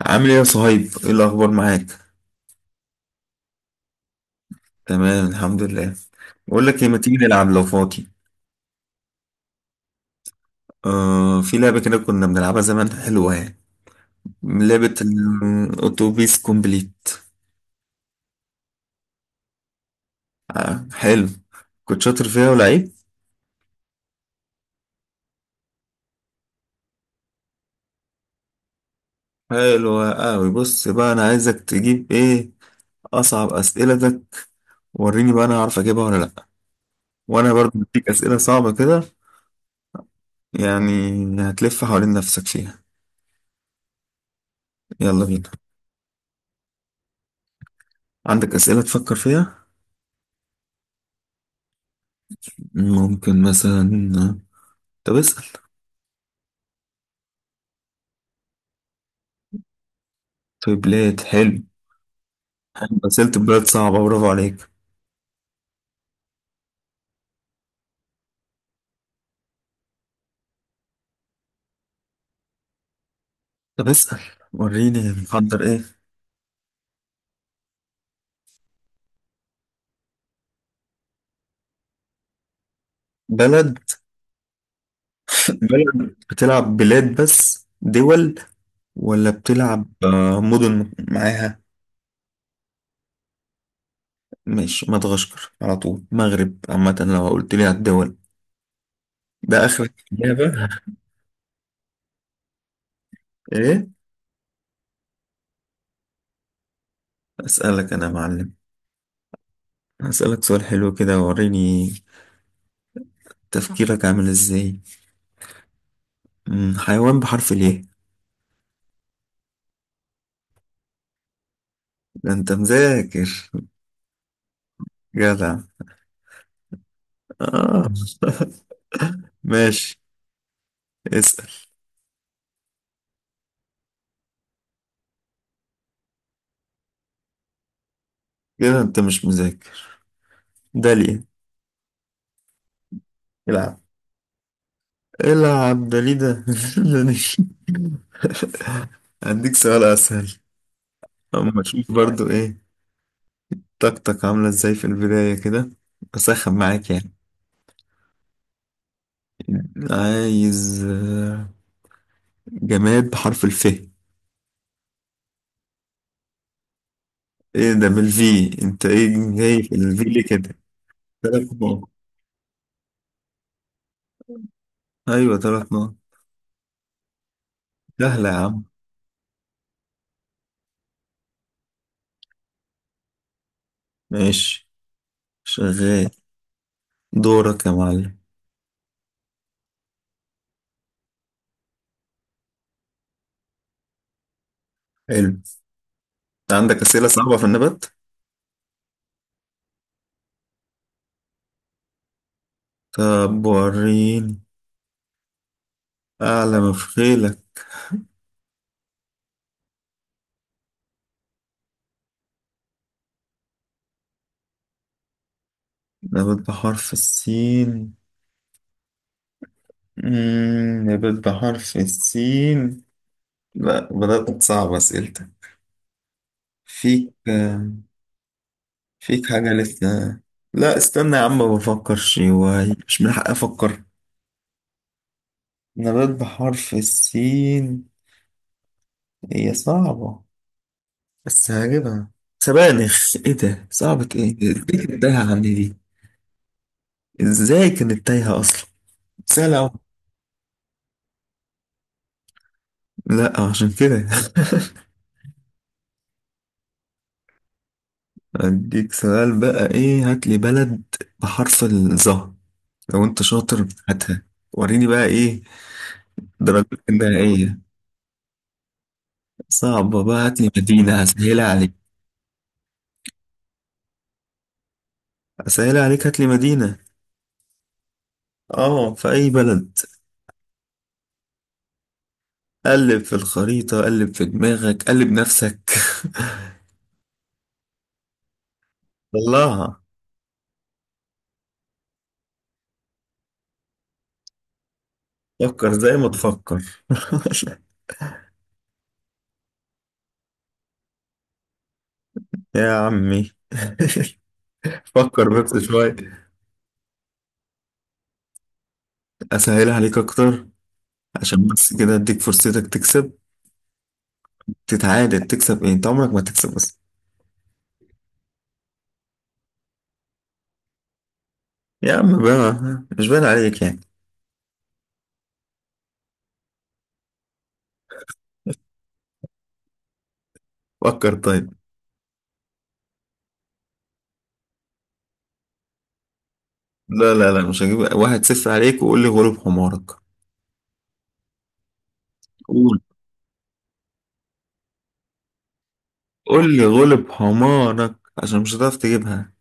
عامل ايه يا صهيب؟ ايه الأخبار معاك؟ تمام الحمد لله. بقول لك ايه، ما تيجي نلعب لو فاضي؟ آه، في لعبة كده كنا بنلعبها زمان، حلوة يعني. لعبة الأوتوبيس كومبليت. آه حلو. كنت شاطر فيها ولعيب. حلوة أوي. بص بقى، أنا عايزك تجيب ايه؟ أصعب أسئلتك. وريني بقى، أنا هعرف أجيبها ولا لأ. وأنا برضه بديك أسئلة صعبة كده، يعني هتلف حوالين نفسك فيها. يلا بينا. عندك أسئلة تفكر فيها؟ ممكن مثلا. طب اسأل. طيبلات حلو. مثلت بلاد صعبة، برافو عليك. طب اسأل. وريني محضر ايه. بلد. بلد، بتلعب بلاد بس دول ولا بتلعب مدن معاها؟ ماشي، مدغشقر على طول، مغرب عامة، لو قلت لي على الدول ده آخر إجابة. ايه؟ أسألك أنا يا معلم. هسألك سؤال حلو كده، وريني تفكيرك عامل ازاي. حيوان بحرف ليه. ده انت مذاكر. جدع. آه. ماشي. اسأل. كده انت مش مذاكر. داليا. العب العب داليدا. هديك سؤال اسهل. اما اشوف برضو، ايه طاقتك عامله ازاي في البدايه كده، اسخن معاك يعني؟ عايز جماد بحرف الف ايه؟ ده بالفي انت؟ ايه جاي في الفي ليه كده؟ ثلاث نقط. ايوه، ثلاث نقط. سهله يا عم. ماشي. شغال. دورك يا معلم. حلو. عندك اسئله صعبه في النبات؟ طب وريني. أعلى بخيلك. نبات بحرف السين. نبات بحرف السين. لا، بدأت تصعب أسئلتك فيك. فيك حاجة لسه. لا استنى يا عم، بفكر شوية. مش من حقي أفكر؟ نبات بحرف السين. هي صعبة بس هجيبها. سبانخ. إيه ده؟ صعبة إيه دي؟ كانت تايهة عني دي. إزاي كانت تايهة أصلا؟ سهلة أوي. لا عشان كده. أديك سؤال بقى، إيه؟ هات لي بلد بحرف الظهر. لو أنت شاطر هاتها. وريني بقى إيه درجتك النهائية. صعبة بقى؟ هات لي مدينة، هسهلها عليك. هات لي مدينة. آه، في أي بلد. قلب في الخريطة، قلب في دماغك، قلب نفسك. طلعها. فكر زي ما تفكر. يا عمي، فكر بس شوية. أسهلها عليك أكتر، عشان بس كده أديك فرصتك تكسب، تتعادل، تكسب إيه، أنت عمرك ما تكسب بس؟ يا عم بقى، مش باين عليك يعني. فكر طيب. لا لا لا، مش هجيب 1-0 عليك وقول لي غلب حمارك. قول، قول لي غلب حمارك. عشان مش هتعرف تجيبها.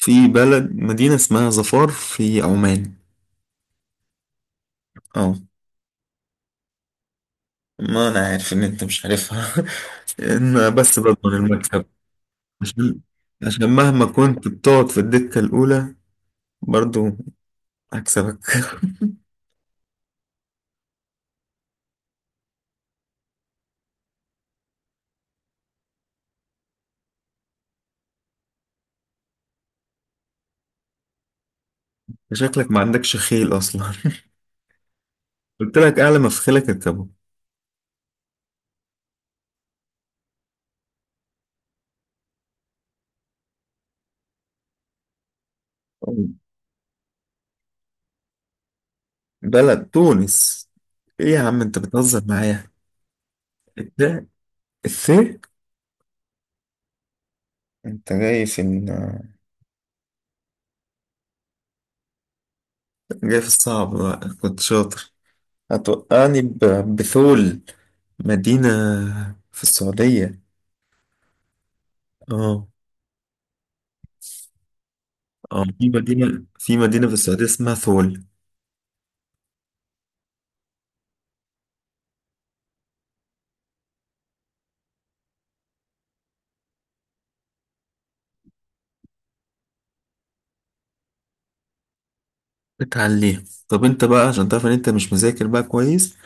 في بلد، مدينة اسمها ظفار في عمان. اه. ما انا عارف ان انت مش عارفها. انا بس بضمن المكسب. عشان عشان مهما كنت بتقعد في الدكة الأولى، برضو هكسبك. شكلك ما عندكش خيل أصلا. قلت لك أعلى ما في خيلك اركبه. بلد. تونس. ايه يا عم، انت بتهزر معايا؟ الثاء. الثاء. انت جاي في الصعب بقى، كنت شاطر. هتوقعني بثول، مدينة في السعودية. اه. اه، في مدينة في السعودية اسمها ثول. اتعليها. طب انت بقى عشان تعرف ان انت مش مذاكر بقى كويس،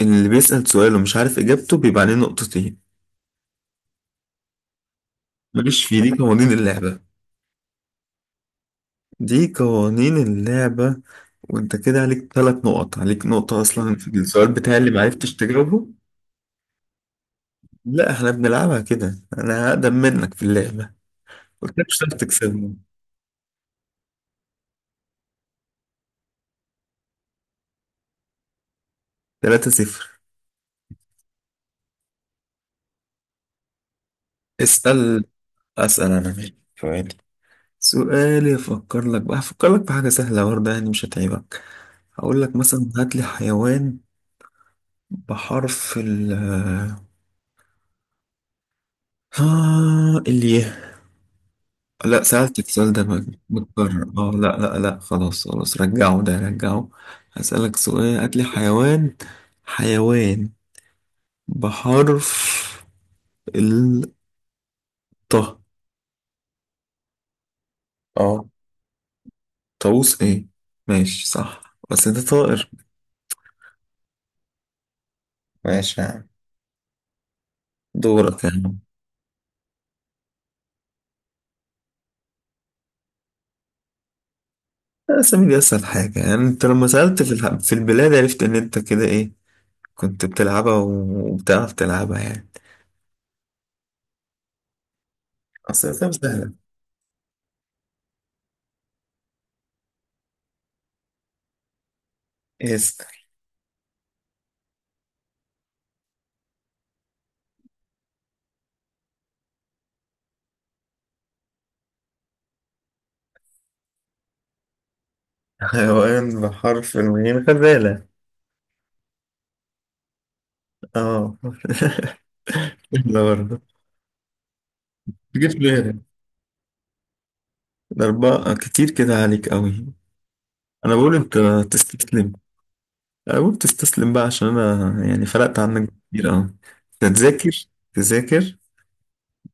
اللي بيسأل سؤال ومش عارف اجابته بيبقى عليه نقطتين. ماليش في دي، قوانين اللعبة. دي قوانين اللعبة. وانت كده عليك ثلاث نقط، عليك نقطة أصلا في السؤال بتاعي اللي معرفتش تجاوبه. لا احنا بنلعبها كده. أنا هقدم منك في اللعبة. قلت لك مش هتعرف تكسبني. 3-0. اسأل. أسأل أنا؟ ماشي، سؤالي أفكر لك في حاجة سهلة برضه يعني مش هتعيبك. هقول لك مثلا، هات لي حيوان بحرف ال، الياء. لا، سألتك السؤال ده متكرر، اه. لا لا لا، خلاص خلاص، رجعه ده رجعه. هسألك سؤال، هات لي حيوان. حيوان بحرف الطه. اه، طاووس. ايه؟ ماشي صح بس انت طائر. ماشي يا عم. دورك يا عم. الأسامي دي أسهل حاجة يعني. أنت لما سألت في في البلاد عرفت إن أنت كده إيه، كنت بتلعبها وبتعرف تلعبها يعني. أصل الأسامي سهلة. اسأل. حيوان بحرف الميم، غزالة. اه. احنا برضه تجيب ليه الأربعة؟ كتير كده عليك قوي. أنا بقول أنت تستسلم. أنا بقول تستسلم بقى، عشان أنا يعني فرقت عنك كتير أوي. تذاكر، تذاكر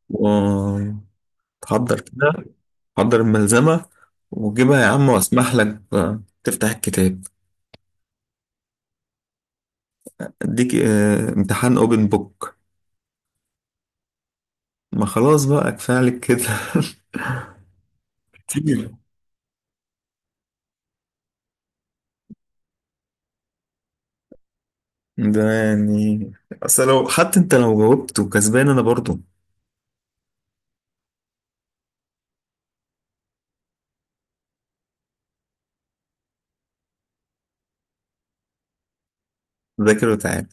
وتحضر كده. حضر الملزمة وجيبها يا عم، وأسمح لك بقى تفتح الكتاب. أديك امتحان أوبن بوك. ما خلاص بقى، كفاية عليك كده. كتير. ده يعني، أصل لو حتى أنت لو جاوبت وكسبان أنا برضه. ذاكر وتعال.